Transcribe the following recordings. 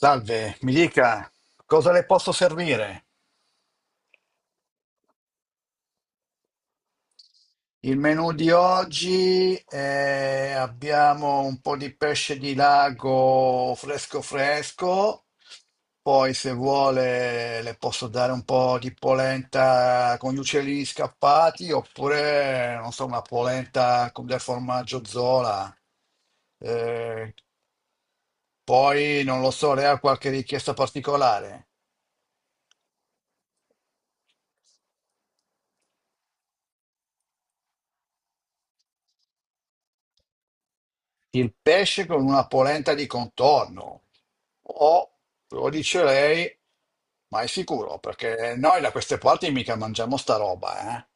Salve, mi dica cosa le posso servire? Il menù di oggi abbiamo un po' di pesce di lago fresco fresco, poi se vuole le posso dare un po' di polenta con gli uccellini scappati oppure non so, una polenta con del formaggio Zola. Eh, poi non lo so, lei ha qualche richiesta particolare? Il pesce con una polenta di contorno. O, lo dice lei, ma è sicuro, perché noi da queste parti mica mangiamo sta roba, eh?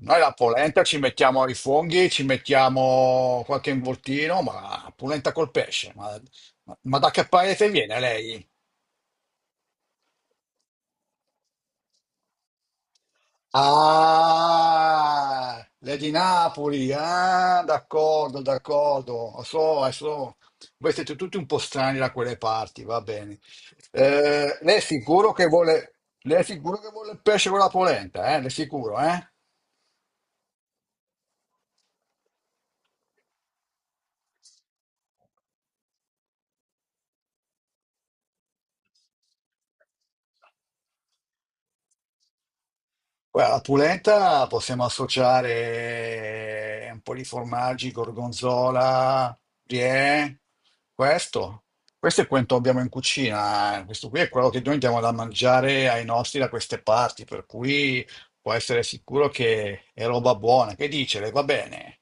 Noi la polenta ci mettiamo i funghi, ci mettiamo qualche involtino, ma polenta col pesce, ma, ma da che paese viene lei? Ah, le di Napoli, ah, d'accordo, d'accordo, so, so. Voi siete tutti un po' strani da quelle parti, va bene. Eh, lei è sicuro che vuole, lei è sicuro che vuole il pesce con la polenta, eh? Le è sicuro, eh? Guarda, la polenta possiamo associare un po' di formaggi, gorgonzola, brie, questo. Questo è quanto abbiamo in cucina, eh. Questo qui è quello che noi andiamo da mangiare ai nostri da queste parti, per cui può essere sicuro che è roba buona. Che dice? Le va bene?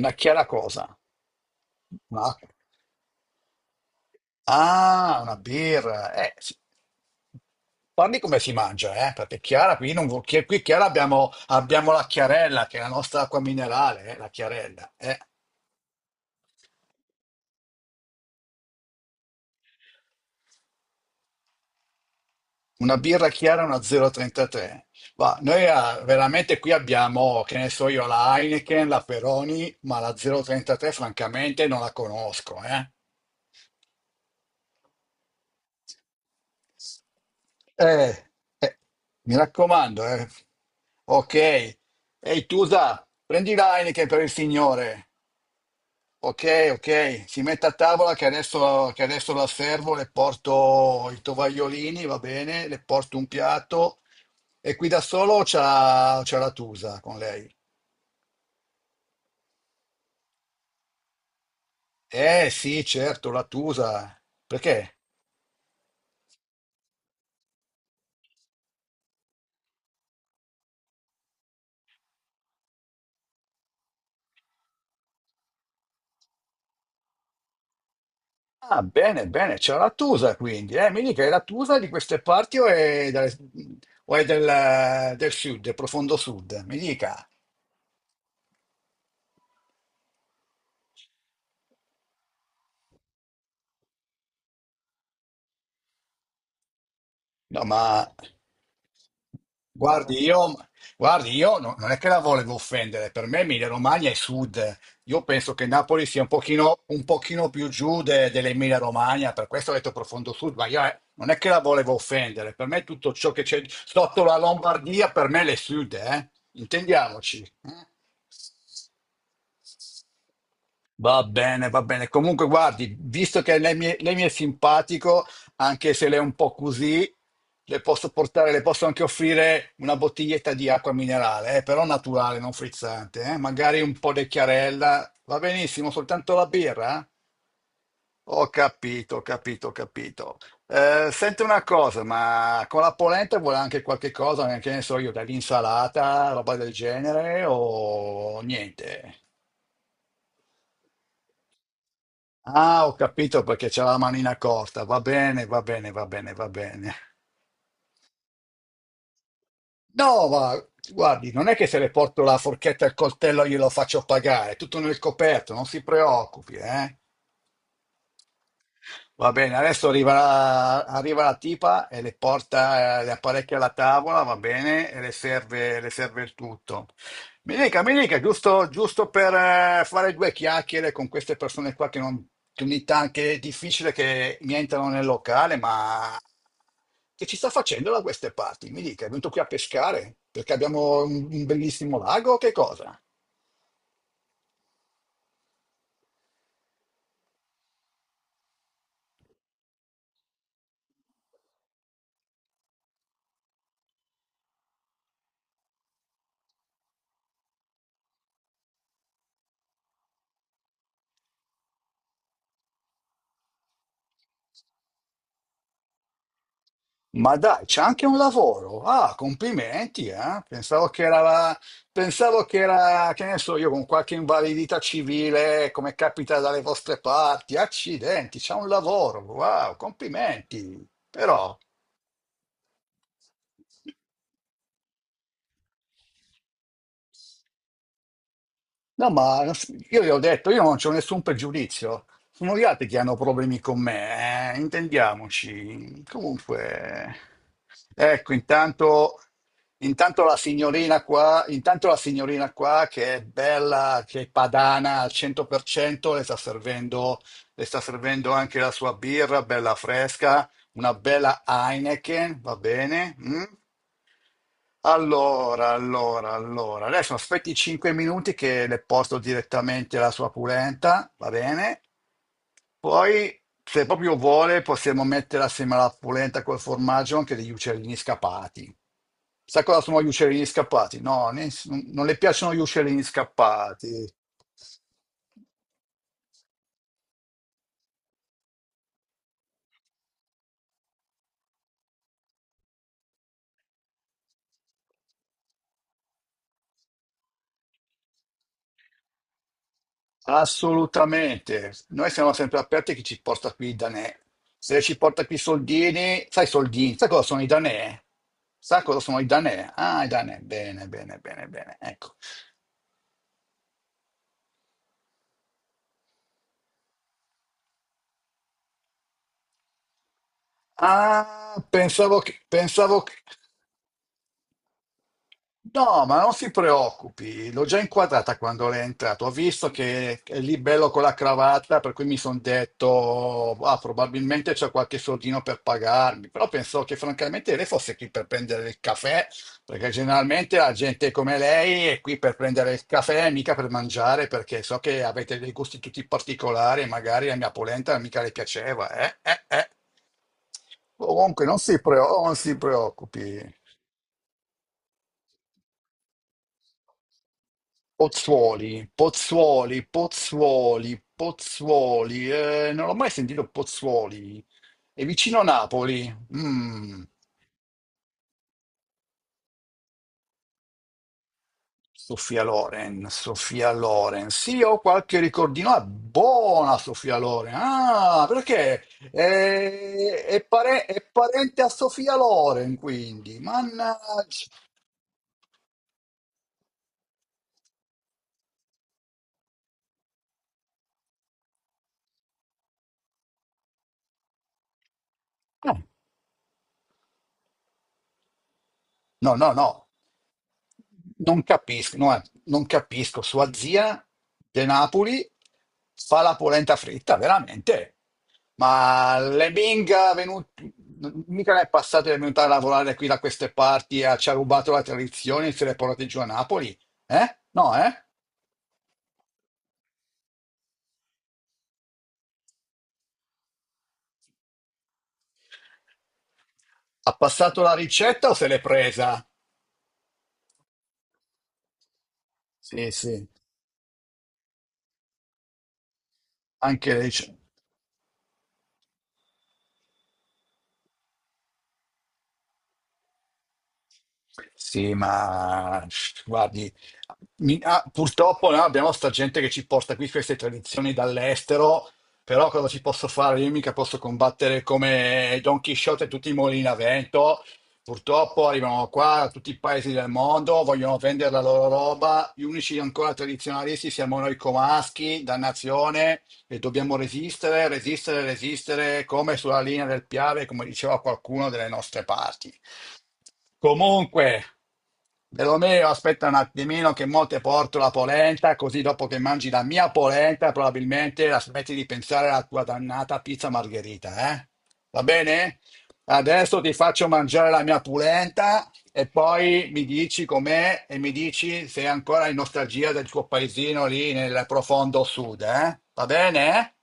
Una chiara cosa. Un'acqua. Ah, una birra. Sì. Parli come si mangia, eh? Perché Chiara, qui, non, qui Chiara abbiamo la Chiarella, che è la nostra acqua minerale, la Chiarella. Una birra chiara, una 0,33. Ma noi veramente qui abbiamo, che ne so io, la Heineken, la Peroni, ma la 0,33 francamente non la conosco, eh? Eh, eh, mi raccomando, eh. Ok. Ehi, Tusa, prendi la Heineken per il signore. Ok, ok, si mette a tavola che adesso la servo, le porto i tovagliolini, va bene, le porto un piatto e qui da solo c'ha la Tusa con lei. Eh sì, certo, la Tusa. Perché? Ah, bene, bene, c'è la Tusa quindi. Mi dica, è la Tusa di queste parti o è, del, o è del sud, del profondo sud? Mi dica. No, ma guardi, io, guardi, io non è che la volevo offendere, per me Emilia Romagna è sud. Io penso che Napoli sia un pochino più giù dell'Emilia Romagna, per questo ho detto profondo sud, ma io, non è che la volevo offendere, per me tutto ciò che c'è sotto la Lombardia, per me è sud, eh? Intendiamoci, eh? Va bene, va bene. Comunque, guardi, visto che lei mi è simpatico, anche se lei è un po' così, le posso anche offrire una bottiglietta di acqua minerale, però naturale, non frizzante, magari un po' di chiarella, va benissimo, soltanto la birra? Ho capito, ho capito, ho capito. Senti una cosa, ma con la polenta vuole anche qualche cosa, che ne so io, dell'insalata, roba del genere o niente? Ah, ho capito perché c'è la manina corta, va bene, va bene, va bene, va bene. No, ma guardi, non è che se le porto la forchetta e il coltello glielo faccio pagare, è tutto nel coperto, non si preoccupi, eh. Va bene, adesso arriva la tipa e le porta le apparecchia alla tavola, va bene, e le serve il tutto. Mi dica, giusto, giusto per fare due chiacchiere con queste persone qua che, non, che ogni tanto che è difficile che mi entrano nel locale, ma che ci sta facendo da queste parti? Mi dica, è venuto qui a pescare perché abbiamo un bellissimo lago o che cosa? Ma dai, c'è anche un lavoro. Ah, complimenti, eh? Pensavo che era, che ne so io, con qualche invalidità civile, come capita dalle vostre parti. Accidenti, c'è un lavoro. Wow, complimenti. Però, no, ma io gli ho detto, io non c'ho nessun pregiudizio. Sono gli altri che hanno problemi con me, intendiamoci. Comunque, ecco, intanto la signorina qua che è bella, che è padana al 100%, le sta servendo anche la sua birra, bella fresca, una bella Heineken, va bene? Mm? Allora, allora, allora, adesso aspetti 5 minuti che le porto direttamente la sua polenta, va bene? Poi, se proprio vuole, possiamo mettere assieme alla polenta col formaggio anche degli uccellini scappati. Sai cosa sono gli uccellini scappati? No, non le piacciono gli uccellini scappati. Assolutamente, noi siamo sempre aperti a chi ci porta qui i danè. Se ci porta qui i soldini, sai cosa sono i danè? Sai cosa sono i danè? Ah, i danè, bene, bene, bene, bene, ecco. Ah, pensavo che- No, ma non si preoccupi, l'ho già inquadrata quando lei è entrato. Ho visto che è lì bello con la cravatta, per cui mi sono detto, ah, probabilmente c'è qualche soldino per pagarmi. Però pensavo che francamente lei fosse qui per prendere il caffè, perché generalmente la gente come lei è qui per prendere il caffè, mica per mangiare, perché so che avete dei gusti tutti particolari e magari la mia polenta mica le piaceva. Comunque non si preoccupi. Pozzuoli, Pozzuoli, Pozzuoli, Pozzuoli, non ho mai sentito Pozzuoli, è vicino a Napoli. Mm. Sofia Loren, Sofia Loren, sì, ho qualche ricordino, ah, buona Sofia Loren, ah, perché è parente a Sofia Loren, quindi, mannaggia. Ah, no, no, no, non capisco, no, non capisco. Sua zia De Napoli fa la polenta fritta, veramente. Ma le Bing, mica ne è passato di venuta a lavorare qui da queste parti, ci ha rubato la tradizione e se le portate giù a Napoli? Eh? No, eh? Ha passato la ricetta o se l'è presa? Sì, sì, anche lei. Sì, ma guardi, purtroppo no, abbiamo sta gente che ci porta qui queste tradizioni dall'estero, però cosa ci posso fare? Io mica posso combattere come Don Chisciotte e tutti i mulini a vento. Purtroppo arrivano qua da tutti i paesi del mondo, vogliono vendere la loro roba. Gli unici ancora tradizionalisti siamo noi comaschi, dannazione, e dobbiamo resistere, resistere, resistere, come sulla linea del Piave, come diceva qualcuno delle nostre parti. Comunque, Romeo, aspetta un attimino che mo te porto la polenta, così dopo che mangi la mia polenta probabilmente la smetti di pensare alla tua dannata pizza margherita, eh? Va bene? Adesso ti faccio mangiare la mia polenta e poi mi dici com'è e mi dici se è ancora in nostalgia del tuo paesino lì nel profondo sud, eh? Va bene?